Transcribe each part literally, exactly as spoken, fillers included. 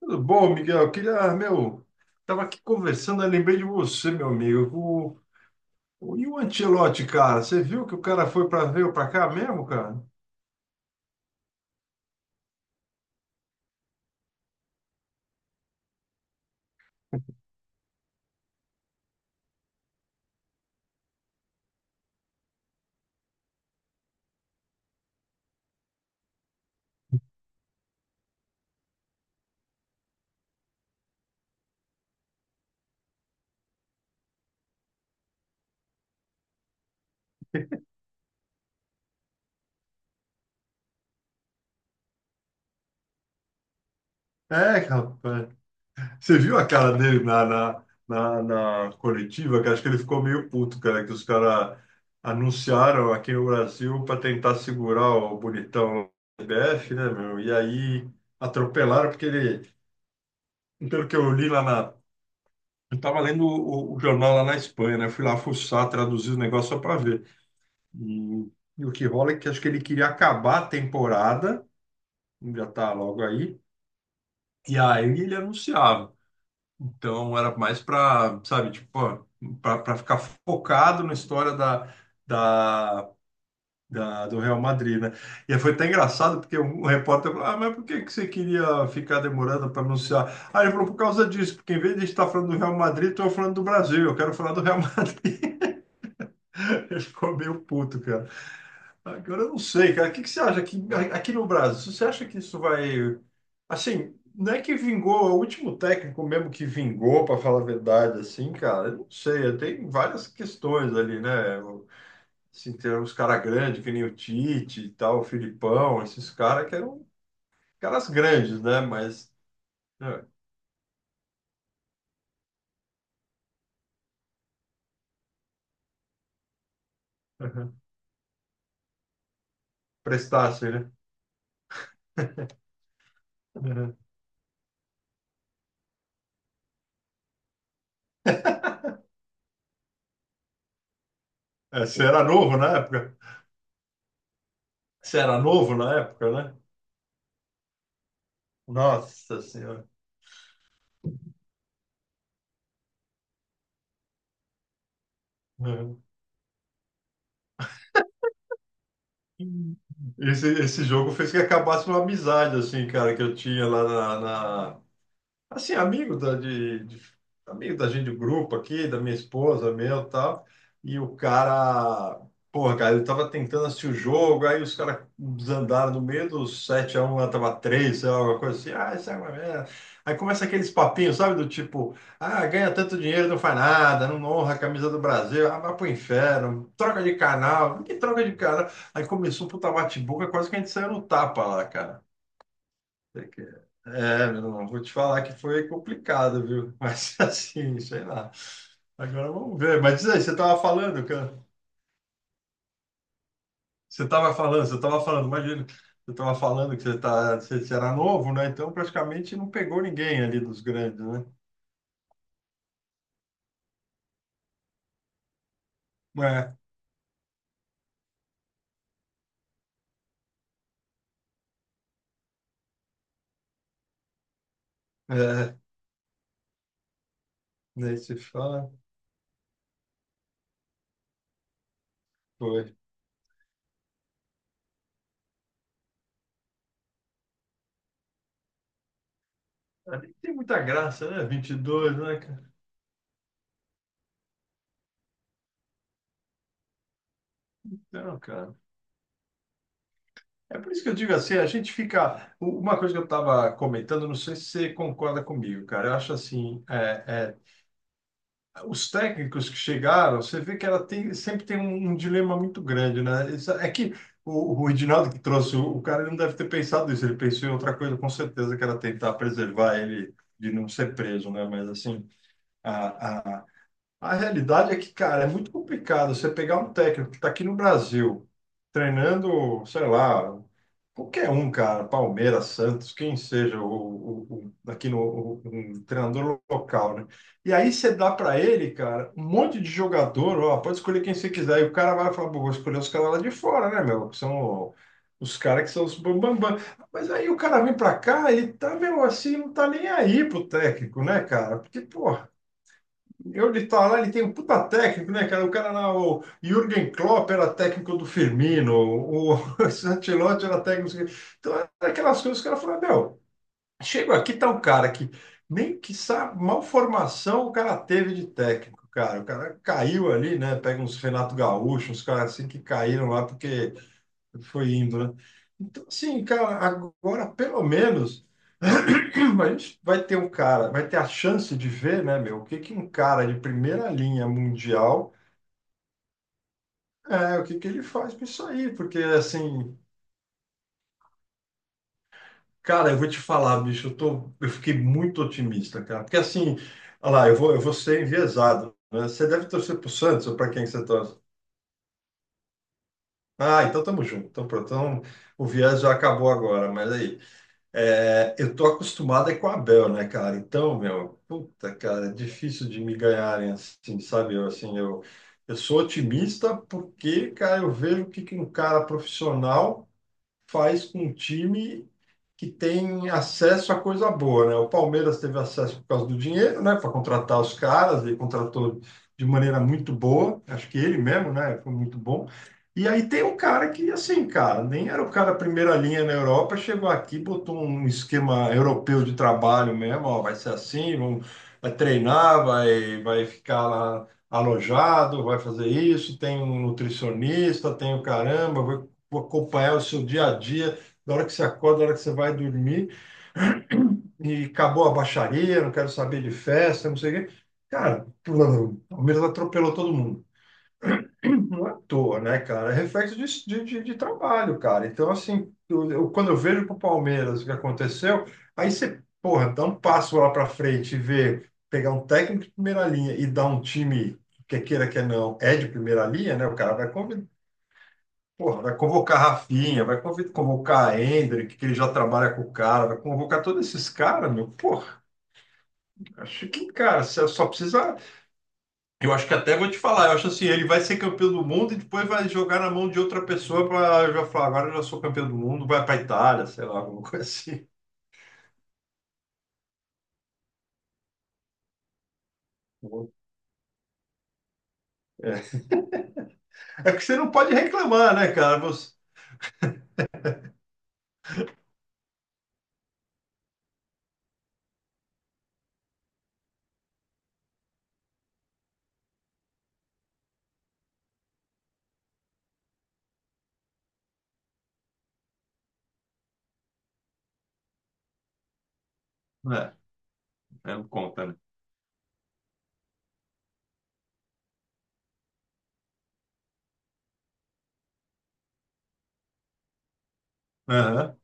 Tudo bom, Miguel? Queria, meu, tava aqui conversando, eu lembrei de você, meu amigo. O, o- e o Ancelotti, cara? Você viu que o cara foi para veio para cá mesmo, cara? É, rapaz. Você viu a cara dele na, na, na, na coletiva, que acho que ele ficou meio puto, cara, que os caras anunciaram aqui no Brasil para tentar segurar o bonitão do C B F, né, meu? E aí atropelaram, porque ele. Pelo que eu li lá na Eu estava lendo o, o jornal lá na Espanha, né? Fui lá fuçar, traduzir o negócio só para ver. E, e o que rola é que acho que ele queria acabar a temporada, já tá logo aí, e aí ele anunciava. Então era mais para, sabe, tipo, para ficar focado na história da, da, da- do Real Madrid, né? E aí foi até engraçado, porque um um repórter falou: "Ah, mas por que que você queria ficar demorando para anunciar?" Ah, ele falou: "Por causa disso, porque em vez de estar falando do Real Madrid, estou falando do Brasil, eu quero falar do Real Madrid." Ele ficou meio puto, cara. Agora eu não sei, cara. O que que você acha aqui, aqui no Brasil? Você acha que isso vai. Assim, não é que vingou, é o último técnico mesmo que vingou, para falar a verdade, assim, cara. Eu não sei, tem várias questões ali, né? Assim, tem uns caras grandes, que nem o Tite e tal, o Filipão, esses caras que eram caras grandes, né? Mas é, uhum, prestassem, né? Uhum. É, você era novo na época? Você era novo na época, né? Nossa Senhora. Uhum. Esse, esse jogo fez que acabasse uma amizade, assim, cara, que eu tinha lá na, assim, amigo da, de, de- amigo da gente do grupo aqui, da minha esposa, meu e tal. E o cara, porra, cara, ele tava tentando assistir o jogo, aí os caras desandaram no meio dos sete a um lá tava três, sei lá, alguma coisa assim. Ah, isso é uma merda. Aí começa aqueles papinhos, sabe? Do tipo, ah, ganha tanto dinheiro, não faz nada, não honra a camisa do Brasil, ah, vai pro inferno, troca de canal, que troca de canal. Aí começou um puta bate-boca, quase que a gente saiu no tapa lá, cara. É, meu irmão, vou te falar que foi complicado, viu? Mas assim, sei lá. Agora vamos ver. Mas diz aí, você estava falando, que você estava falando, você estava falando, imagina, você estava falando que você, tá, você, você era novo, né? Então praticamente não pegou ninguém ali dos grandes, né? É, é, daí você fala, foi. Ali tem muita graça, né? Vinte e dois, né, cara? Não, cara. É por isso que eu digo assim, a gente fica. u- Uma coisa que eu estava comentando, não sei se você concorda comigo, cara. Eu acho assim, é, é, os técnicos que chegaram, você vê que ela tem, sempre tem um, um dilema muito grande, né? Isso, é que o, o Edinaldo que trouxe o, o cara ele não deve ter pensado isso, ele pensou em outra coisa, com certeza, que era tentar preservar ele de não ser preso, né? Mas assim, a, a- a realidade é que, cara, é muito complicado você pegar um técnico que está aqui no Brasil, treinando, sei lá, qualquer um, cara, Palmeiras, Santos, quem seja, o, o- o- aqui no o- um treinador local, né? E aí você dá para ele, cara, um monte de jogador, ó, pode escolher quem você quiser. E o cara vai falar, pô, vou escolher os caras lá de fora, né, meu? Que são os caras que são os bambambam. Mas aí o cara vem para cá e tá, meu, assim, não tá nem aí pro técnico, né, cara? Porque, pô. Eu de tá lá, ele tem um puta técnico, né, cara? O cara lá, o Jürgen Klopp era técnico do Firmino, o esse Ancelotti era técnico. Não sei o quê. Então, era aquelas coisas que o cara falou, meu, chega aqui, tá um cara que nem que sabe, mal formação o cara teve de técnico, cara. O cara caiu ali, né? Pega uns Renato Gaúcho, uns caras assim que caíram lá porque foi indo, né? Então, assim, cara, agora pelo menos a gente vai ter um cara, vai ter a chance de ver, né, meu, o que que um cara de primeira linha mundial, é, o que que ele faz com isso aí, porque assim, cara, eu vou te falar, bicho, eu tô, eu fiquei muito otimista, cara, porque assim, olha lá, eu vou, eu vou ser enviesado, né? Você deve torcer pro Santos ou pra quem que você torce? Ah, então tamo junto, então pronto, então o viés já acabou agora, mas aí. É, eu tô acostumado é com a Bel, né, cara? Então, meu, puta, cara, é difícil de me ganharem assim, sabe? Eu, assim, eu, eu sou otimista porque, cara, eu vejo o que que um cara profissional faz com um time que tem acesso a coisa boa, né? O Palmeiras teve acesso por causa do dinheiro, né? Para contratar os caras, ele contratou de maneira muito boa, acho que ele mesmo, né? Foi muito bom. E aí tem um cara que, assim, cara, nem era o cara primeira linha na Europa, chegou aqui, botou um esquema europeu de trabalho mesmo, ó, vai ser assim, vamos, vai treinar, vai, vai ficar lá alojado, vai fazer isso, tem um nutricionista, tem o caramba, vai acompanhar o seu dia a dia, da hora que você acorda, da hora que você vai dormir, e acabou a baixaria, não quero saber de festa, não sei o quê. Cara, o Palmeiras atropelou todo mundo. Não é à toa, né, cara? É reflexo de, de, de- de trabalho, cara. Então, assim, eu, eu- quando eu vejo pro Palmeiras o que aconteceu, aí você, porra, dá um passo lá para frente e vê, pegar um técnico de primeira linha e dar um time, que queira que não, é de primeira linha, né? O cara vai convidar. Porra, vai convocar Rafinha, vai conv- convocar Endrick, que ele já trabalha com o cara, vai convocar todos esses caras, meu. Porra, acho que, cara, você só precisa. Eu acho que até vou te falar, eu acho assim, ele vai ser campeão do mundo e depois vai jogar na mão de outra pessoa para já falar, agora eu já sou campeão do mundo, vai para Itália, sei lá, alguma coisa assim. É, é que você não pode reclamar, né, cara? Você... É, é, não conta, né? Aham.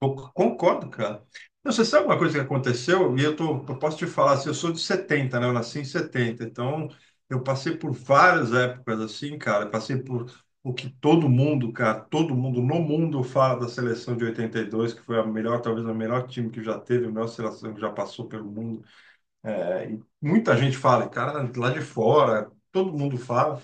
Eu concordo, cara. Não, você sabe uma coisa que aconteceu? E eu, tô, eu posso te falar assim, eu sou de setenta, né? Eu nasci em setenta. Então, eu passei por várias épocas assim, cara. Eu passei por o que todo mundo, cara, todo mundo no mundo fala da seleção de oitenta e dois, que foi a melhor, talvez o melhor time que já teve, a melhor seleção que já passou pelo mundo. É, e muita gente fala, e, cara, lá de fora, todo mundo fala.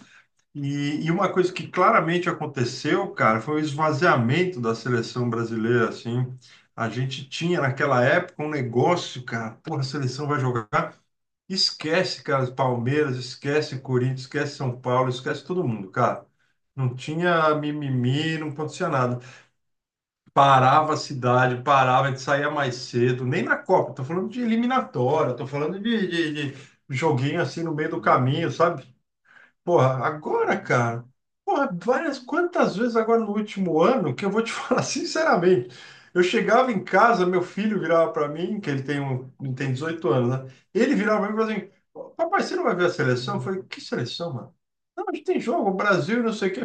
E, e uma coisa que claramente aconteceu, cara, foi o esvaziamento da seleção brasileira, assim. A gente tinha naquela época um negócio, cara, porra, a seleção vai jogar. Esquece, cara, Palmeiras, esquece Corinthians, esquece São Paulo, esquece todo mundo, cara. Não tinha mimimi, não acontecia nada. Parava a cidade, parava, a gente saía mais cedo, nem na Copa, tô falando de eliminatória, tô falando de, de- de joguinho assim no meio do caminho, sabe? Porra, agora, cara, porra, várias, quantas vezes agora no último ano que eu vou te falar sinceramente, eu chegava em casa, meu filho virava para mim, que ele tem, um, ele tem dezoito anos, né? Ele virava para mim e falava assim, papai, você não vai ver a seleção? Eu falei, que seleção, mano? Não, a gente tem jogo, Brasil, não sei o quê.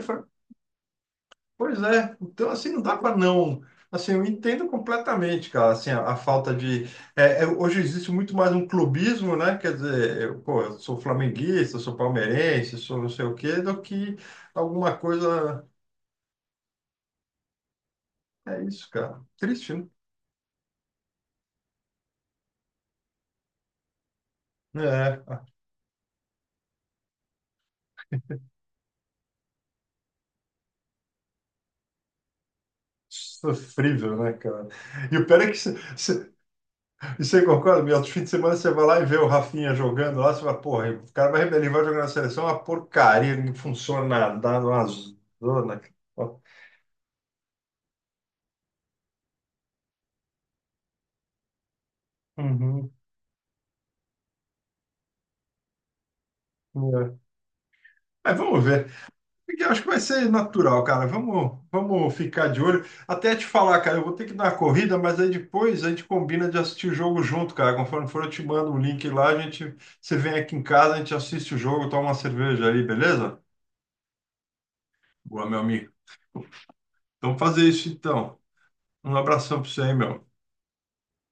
Pois é, então assim não dá para não. Assim, eu entendo completamente, cara, assim, a, a falta de. é, é, hoje existe muito mais um clubismo, né? Quer dizer, eu, pô, eu sou flamenguista, sou palmeirense, sou não sei o quê, do que alguma coisa. É isso, cara. Triste, né? É, sofrível, né, cara? E o pior é que você você- você concorda, meu, outro fim de semana você vai lá e vê o Rafinha jogando lá, você fala, porra, o cara vai, ele vai jogar na seleção, é uma porcaria, não funciona nada, dá uma zona. Uhum, é. Mas vamos ver. Porque eu acho que vai ser natural, cara. Vamos, vamos ficar de olho. Até te falar, cara, eu vou ter que dar uma corrida, mas aí depois a gente combina de assistir o jogo junto, cara. Conforme for, eu te mando o link lá, a gente, você vem aqui em casa, a gente assiste o jogo, toma uma cerveja aí, beleza? Boa, meu amigo. Então fazer isso então. Um abração pra você aí, meu.